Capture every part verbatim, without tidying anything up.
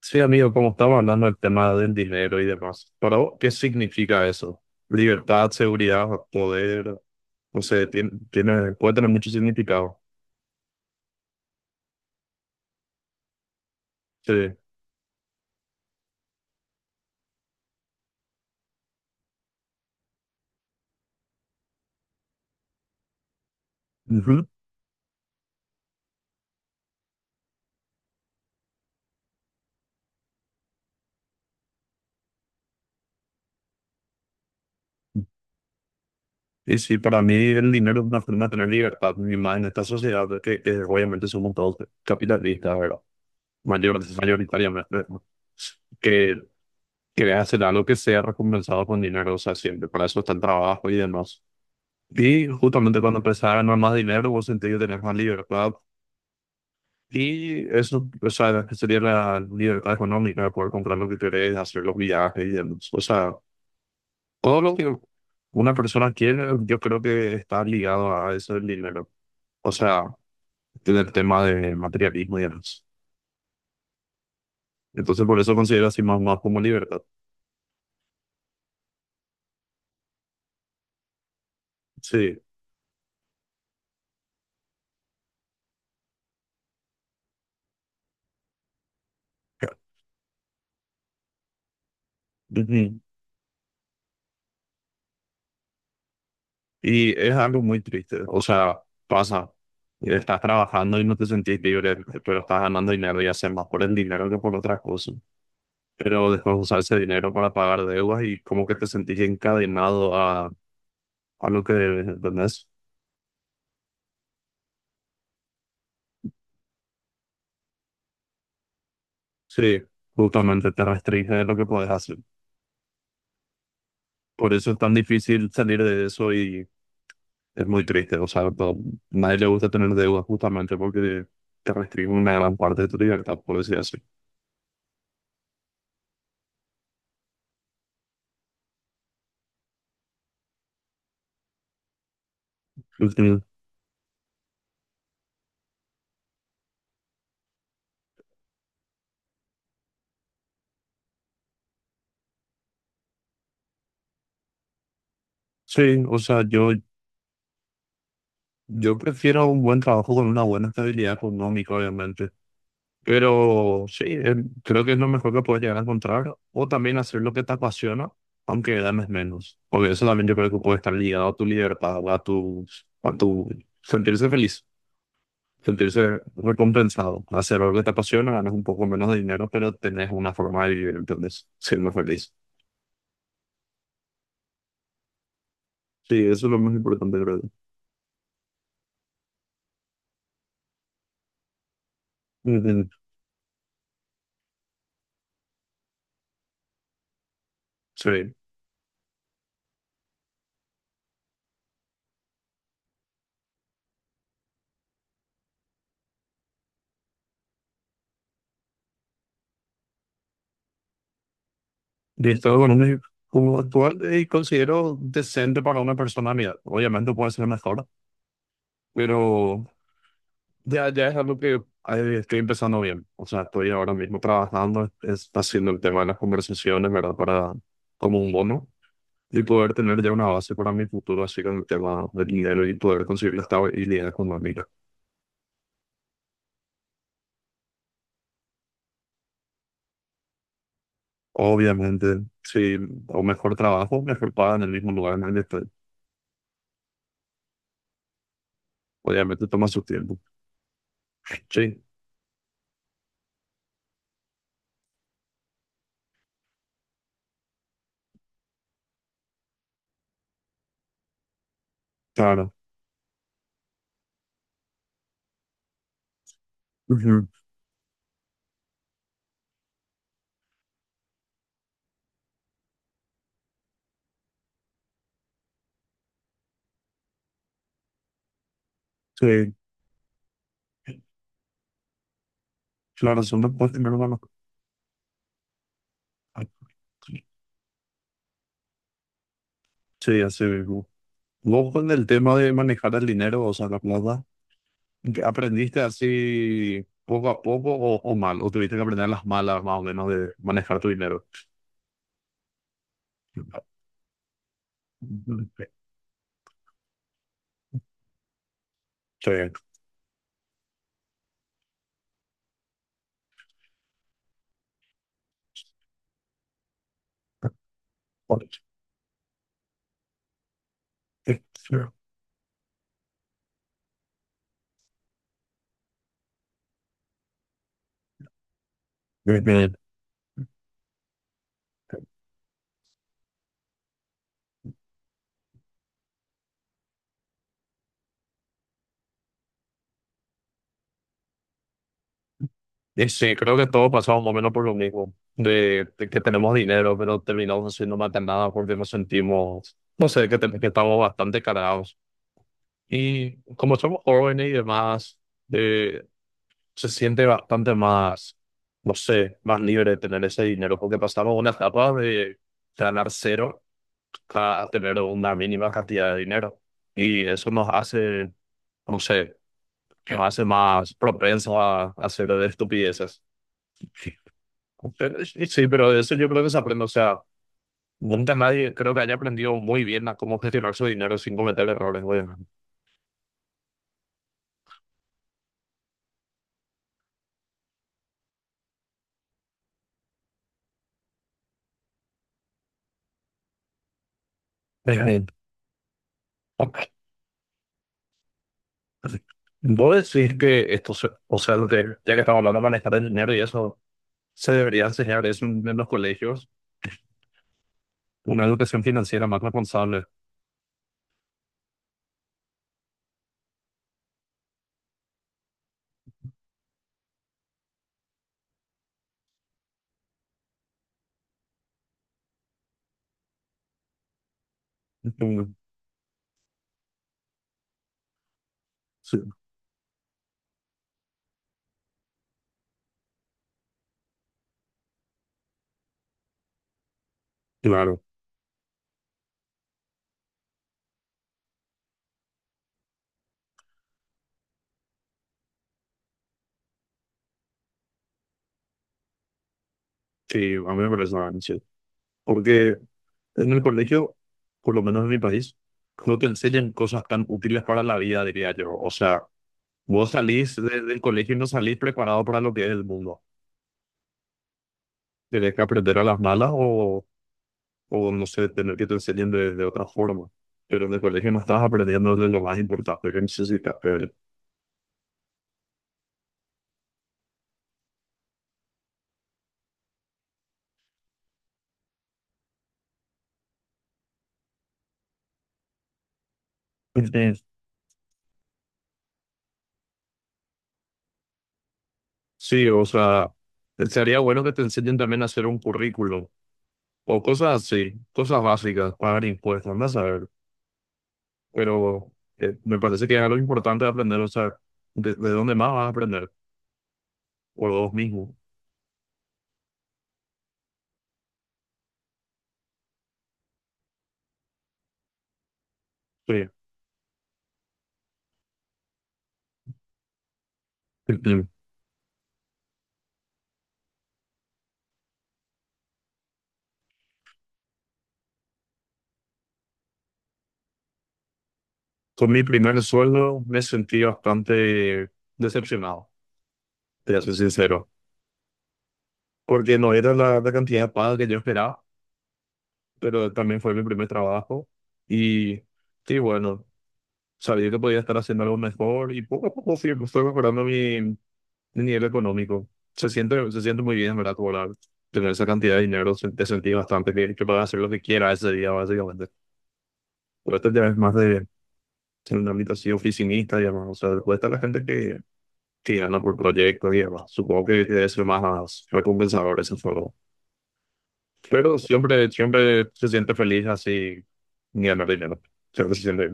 Sí, amigo, como estamos hablando del tema del dinero y demás, para vos, ¿qué significa eso? Libertad, seguridad, poder, no sé, tiene, tiene- puede tener mucho significado. Sí. Ujú. Y sí, para mí el dinero es una forma de tener libertad, y más en esta sociedad que, que obviamente somos todos capitalistas, ¿verdad? Mayor, mayoritariamente, ¿no? Que quiere hacer algo que sea recompensado con dinero, o sea, siempre, para eso está el trabajo y demás. Y justamente cuando empezás a ganar más dinero, vos sentís que tenés más libertad. Y eso, o sea, que sería la libertad económica, poder comprar lo que querés, hacer los viajes, y el- O sea, todo lo que una persona quiere, yo creo que está ligado a eso del dinero, o sea, del tema de materialismo y demás. Entonces, por eso considero así más, más como libertad. Sí. Ujú. Y es algo muy triste, o sea, pasa, estás trabajando y no te sentís libre, pero estás ganando dinero y haces más por el dinero que por otras cosas. Pero después usar ese dinero para pagar deudas y como que te sentís encadenado a, a lo que debes, ¿entendés? Sí, justamente te restringe de lo que puedes hacer. Por eso es tan difícil salir de eso y es muy triste. O sea, to- nadie le gusta tener deudas justamente porque te restringe una gran parte de tu libertad, por decir así. Ujú. Sí, o sea, yo, yo prefiero un buen trabajo con una buena estabilidad económica, obviamente. Pero sí, eh, creo que es lo mejor que puedes llegar a encontrar. O también hacer lo que te apasiona, aunque ganes menos. Porque eso también yo creo que puede estar ligado a tu libertad, a tu, a tu sentirse feliz, sentirse recompensado. Hacer algo que te apasiona, ganas un poco menos de dinero, pero tenés una forma de vivir, entonces, siendo feliz. Sí, eso es lo más importante, creo yo. Mm. Sí, de estado económico como actual, y considero decente para una persona mía. Obviamente puede ser mejor, pero. Ya, ya es algo que eh, estoy empezando bien. O sea, estoy ahora mismo trabajando, es, haciendo el tema de las conversaciones, ¿verdad? Para, como un bono, y poder tener ya una base para mi futuro, así con el tema del dinero y poder conseguir la estabilidad económica. Obviamente, sí, o mejor trabajo, mejor paga en el mismo lugar en el que estoy. Obviamente toma su tiempo. Sí, claro. Ujú. Sí, claro, son las primero van a. Sí, así mismo. Vos con el tema de manejar el dinero, o sea, la plata. ¿Qué? ¿Aprendiste así poco a poco o, o mal? ¿O tuviste que aprender las malas más o menos de manejar tu dinero? Sí. Bien, bien. Y sí, creo que todos pasamos más o menos por lo mismo, de, de que tenemos dinero, pero terminamos haciendo más de nada porque nos sentimos, no sé, que, te- que estamos bastante cargados. Y como somos jóvenes y demás, se siente bastante más, no sé, más libre tener ese dinero, porque pasamos una etapa de ganar cero a tener una mínima cantidad de dinero. Y eso nos hace, no sé, nos hace más propensos a, a hacer estupideces. Sí. Pero sí, sí, pero eso yo creo que se aprende. O sea, nunca nadie creo que haya aprendido muy bien a cómo gestionar su dinero sin cometer errores, güey. Eh, ok. Vos decís que esto, se- o sea, de, ya que estamos hablando de manejar el dinero y eso, se debería enseñar eso en en los colegios, una educación financiera más responsable. Mm. Sí, claro, sí, a mí me parece una ganancia. Porque en el colegio, por lo menos en mi país, no te enseñan cosas tan útiles para la vida, diría yo. O sea, vos salís de- del colegio y no salís preparado para lo que es el mundo. Tienes que aprender a las malas o, o no sé, tener que te enseñen de, de otra forma. Pero en el colegio no estás aprendiendo de lo más importante que necesitas. pero- eh, Sí, o sea, sería bueno que te enseñen también a hacer un currículum o cosas así, cosas básicas, pagar impuestos, anda a saber. Pero eh, me parece que es algo importante de aprender, o sea, de, de dónde más vas a aprender, por vos mismo. Sí. Ujú. Con mi primer sueldo me sentí bastante decepcionado, te soy sincero, porque no era la, la cantidad de paga que yo esperaba, pero también fue mi primer trabajo y, sí, bueno. Sabía que podía estar haciendo algo mejor y poco a poco fui, fue mejorando mi, mi nivel económico. Se siente, se siente muy bien, en ¿verdad? Cobrar, tener esa cantidad de dinero, se- te sentí bastante bien, que puedas hacer lo que quieras ese día, básicamente. Pero este ya es más de ser un ámbito así oficinista y demás. O sea, después está la gente que, que gana por proyecto y demás. Supongo que debe ser más recompensador ese juego. Pero siempre, siempre se siente feliz así ni ganar dinero. Siempre se siente,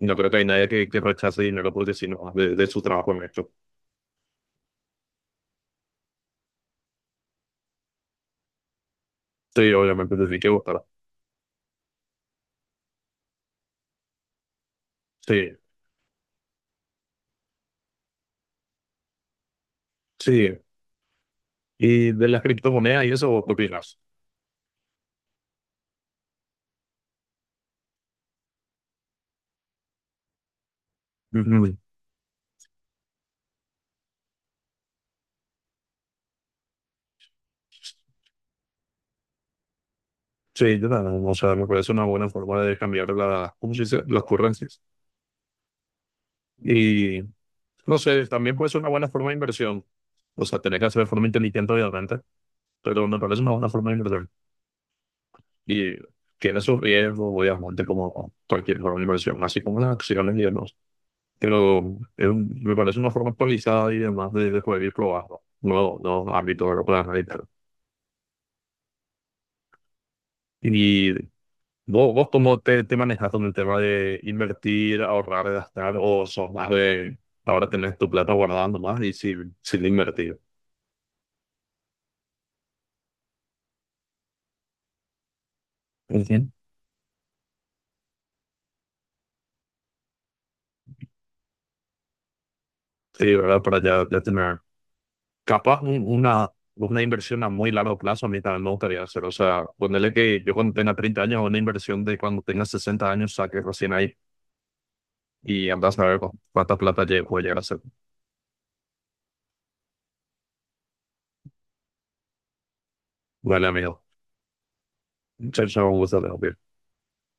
no creo que hay nadie que, que rechace dinero porque si no, de, de su trabajo en esto. Sí, obviamente te tiene que gustar. Sí, sí. Y de las criptomonedas y eso, ¿qué opinas? Ujú. Sí, yo también. O sea, me parece una buena forma de cambiar las, ¿cómo se dice? Las currencias. Y no sé, también puede ser una buena forma de inversión. O sea, tenés que hacer de forma inteligente, obviamente, pero me parece una buena forma de inversión. Y tiene sus riesgos, obviamente, como cualquier forma de inversión, así como las acciones y demás. Pero es un- me parece una forma actualizada y demás de, de poder ir probando. No, no, ámbito de la. ¿Y vos, vos cómo te, te manejas con el tema de invertir, ahorrar, gastar, o sos más de ahora tenés tu plata guardando más y sin, sin invertir? Entiendo. Sí, ¿verdad? Para ya, ya tener capaz un- una, una inversión a muy largo plazo, a mí también me gustaría hacer. O sea, ponerle que yo cuando tenga treinta años, una inversión de cuando tenga sesenta años, saque recién ahí y andás a ver cu- cuánta plata lle- puedo llegar a hacer. Vale, amigo. Chao, chao, un gusto, Leo.